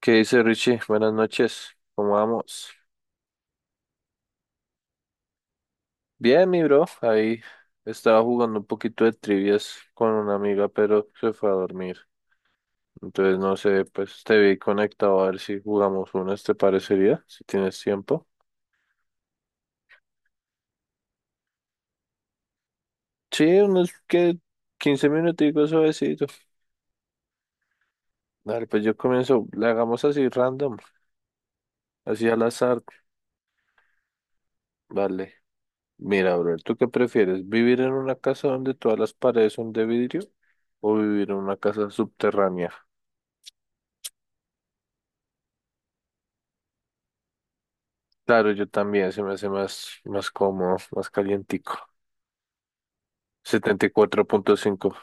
¿Qué dice Richie? Buenas noches, ¿cómo vamos? Bien, mi bro, ahí estaba jugando un poquito de trivias con una amiga, pero se fue a dormir. Entonces, no sé, pues te vi conectado a ver si jugamos unas, ¿te parecería? Si tienes tiempo. Sí, unos que 15 minuticos suavecito. Dale, pues yo comienzo, le hagamos así random, así al azar. Vale, mira, bro, ¿tú qué prefieres? ¿Vivir en una casa donde todas las paredes son de vidrio o vivir en una casa subterránea? Claro, yo también, se me hace más cómodo, más calientico. 74.5.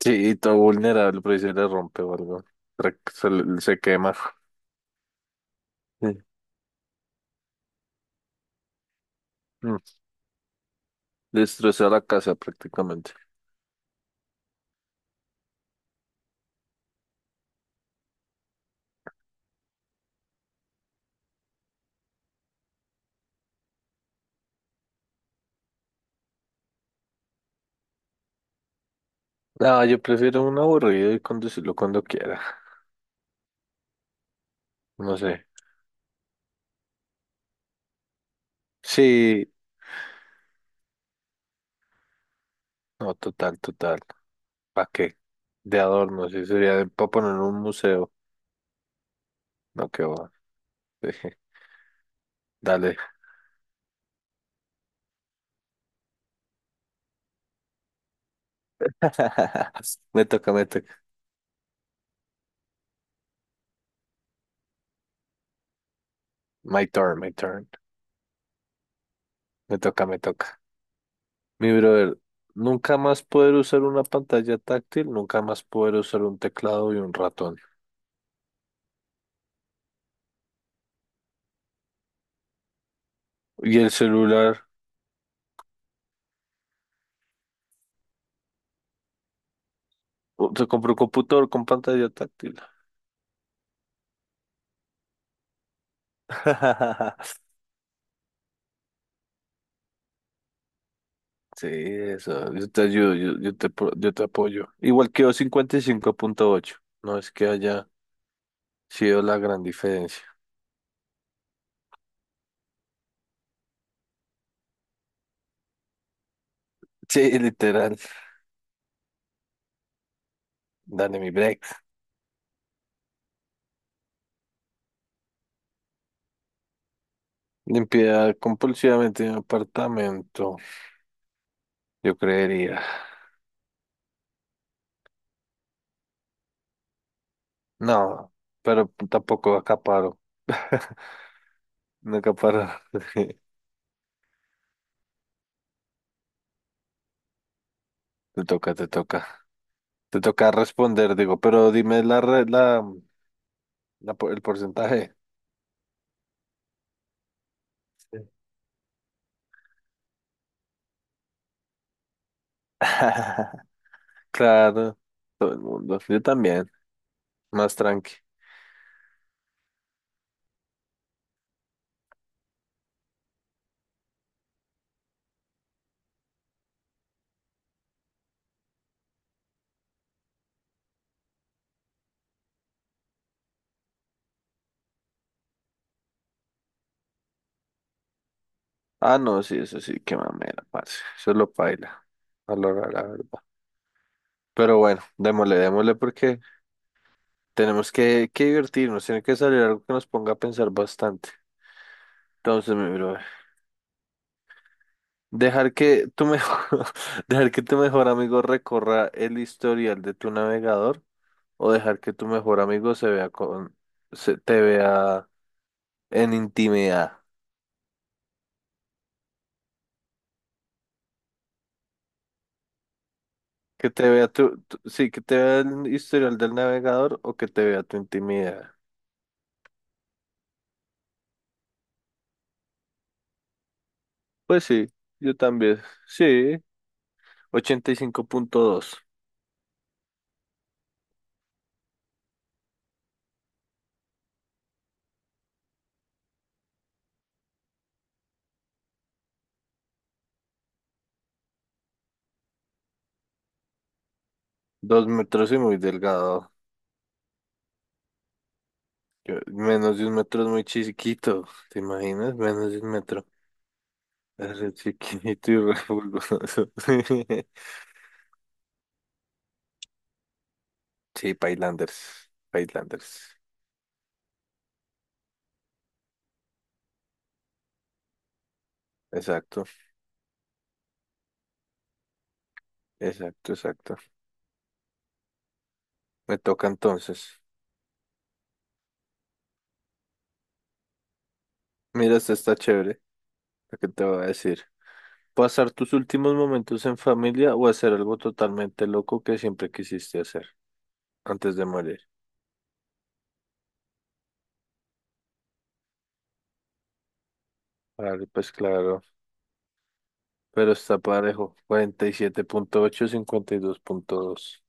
Sí, y todo vulnerable, pero ahí se le rompe o algo. Se quema. Sí. Mm. Destroza la casa prácticamente. No, yo prefiero un aburrido y conducirlo cuando quiera. No sé. Sí, no, total, total. ¿Para qué? De adorno, sí, sería para poner un museo. No, qué va. Dije. Dale. Me toca, me toca. My turn, my turn. Me toca, me toca. Mi brother, nunca más poder usar una pantalla táctil, nunca más poder usar un teclado y un ratón. Y el celular, se compró un computador con pantalla táctil. Sí, eso, yo te ayudo, yo te apoyo. Igual quedó 55.8, no es que haya sido la gran diferencia. Sí, literal, dale mi break. Limpiar compulsivamente mi apartamento, yo creería. No, pero tampoco acaparo. Nunca para. Te toca, te toca. Te toca responder, digo, pero dime la, re- la por- el porcentaje. Sí. Claro, todo el mundo. Yo también, más tranqui. Ah, no, sí, eso sí, qué mamera, parce. Eso lo paila, a la hora, la verdad. Pero bueno, démosle, démosle porque tenemos que divertirnos, tiene que salir algo que nos ponga a pensar bastante. Entonces, mi brother, dejar que tu mejor, dejar que tu mejor amigo recorra el historial de tu navegador, o dejar que tu mejor amigo se vea con, se, te vea en intimidad. Que te vea tu, tu- Sí, que te vea el historial del navegador o que te vea tu intimidad. Pues sí, yo también. Sí, 85.2. Dos metros y muy delgado. Menos de un metro es muy chiquito. ¿Te imaginas? Menos de un metro. Es re chiquito y re bulboso. Sí, Pailanders. Pailanders. Exacto, exacto, exacto. Me toca entonces. Mira, esta está chévere, lo que te voy a decir. Pasar tus últimos momentos en familia o hacer algo totalmente loco que siempre quisiste hacer antes de morir. Vale, pues claro, pero está parejo. 47.8, 52.2.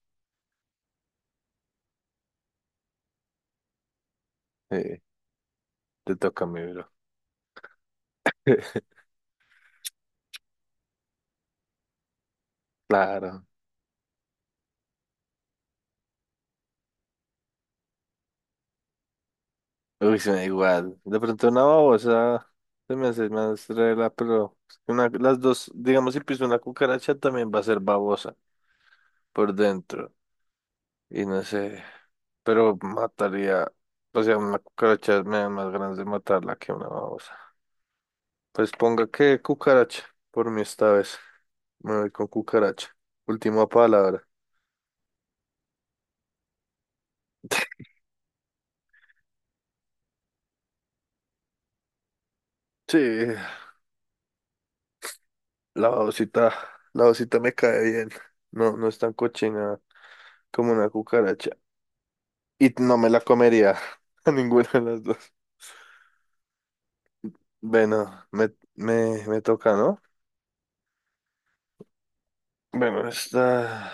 Eh, te toca a mí, bro. Claro. Uy, se me da igual. De pronto una babosa se me hace más rela, pero una, las dos, digamos, si piso una cucaracha también va a ser babosa por dentro. Y no sé. Pero mataría, o sea, una cucaracha me da más ganas de matarla que una babosa. Pues ponga que cucaracha, por mí esta vez. Me voy con cucaracha. Última palabra. Sí, la babosita, la babosita me cae bien. No, no es tan cochina como una cucaracha. Y no me la comería a ninguna de las dos. Bueno, me toca, ¿no? Bueno, esta...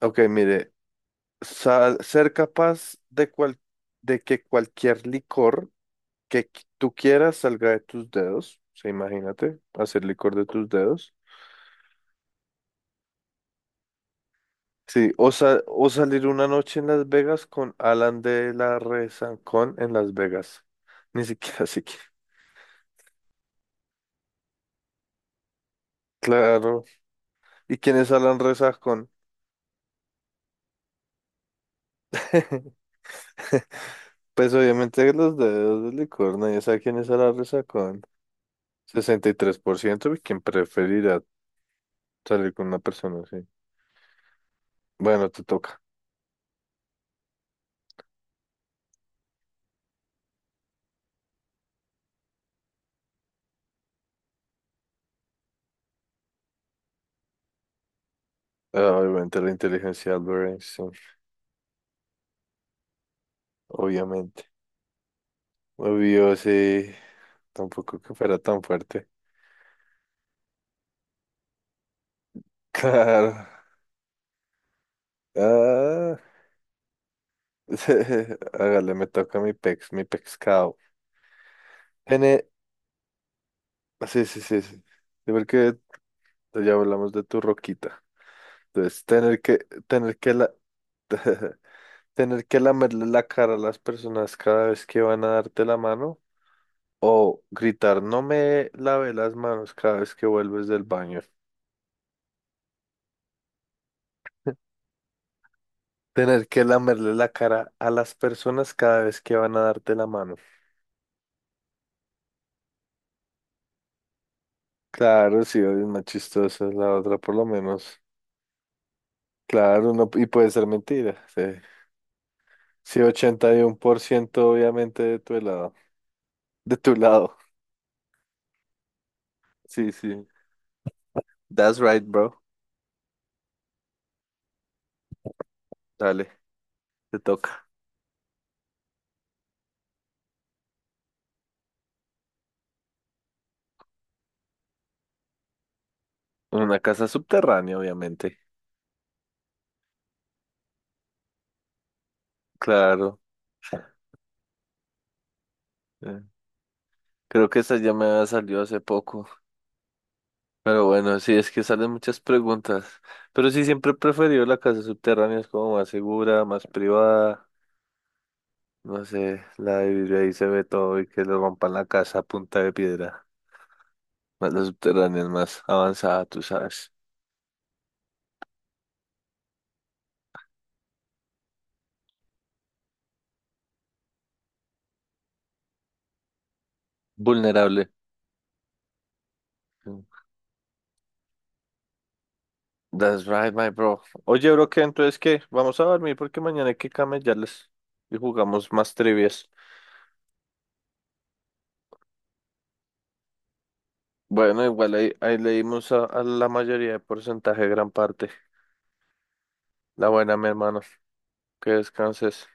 Ok, mire. Sa- ser capaz de, cual- de que cualquier licor tú quieras salga de tus dedos. O sea, imagínate, hacer licor de tus dedos. Sí, o, o salir una noche en Las Vegas con Alan de la Rezancón en Las Vegas. Ni siquiera así que. Claro. ¿Y quién es Alan Rezancón? Pues obviamente los dedos del licor, nadie sabe quién es Alan Rezancón. 63%, ¿y tres por ciento, ¿y quién preferirá salir con una persona así? Bueno, te toca. Ah, obviamente la inteligencia de Albert Einstein, obviamente. Obvio, sí, tampoco que fuera tan fuerte. Claro. Ah, hágale, me toca mi pex, mi pescado. Tener, sí, sí, sí, sí. Sí, porque ya hablamos de tu roquita. Entonces, tener que la, tener que lamerle la cara a las personas cada vez que van a darte la mano, o gritar, no me lave las manos cada vez que vuelves del baño. Tener que lamerle la cara a las personas cada vez que van a darte la mano. Claro, sí, es más chistosa la otra, por lo menos. Claro, no, y puede ser mentira. Sí, sí, 81% obviamente de tu lado. De tu lado. Sí, sí. That's right, bro. Dale, te toca. En una casa subterránea, obviamente. Claro. Eh, creo que esa ya me había salido hace poco. Pero bueno, sí, es que salen muchas preguntas. Pero sí, siempre he preferido la casa subterránea, es como más segura, más privada. No sé, la de vidrio ahí se ve todo y que le rompan la casa a punta de piedra. Más la subterránea es más avanzada, tú sabes. Vulnerable. That's right, my bro. Oye, bro, ¿qué? Entonces, ¿qué? Vamos a dormir porque mañana hay que camellarles y jugamos más trivias. Bueno, igual ahí, ahí leímos a la mayoría de porcentaje, gran parte. La buena, mi hermano. Que descanses.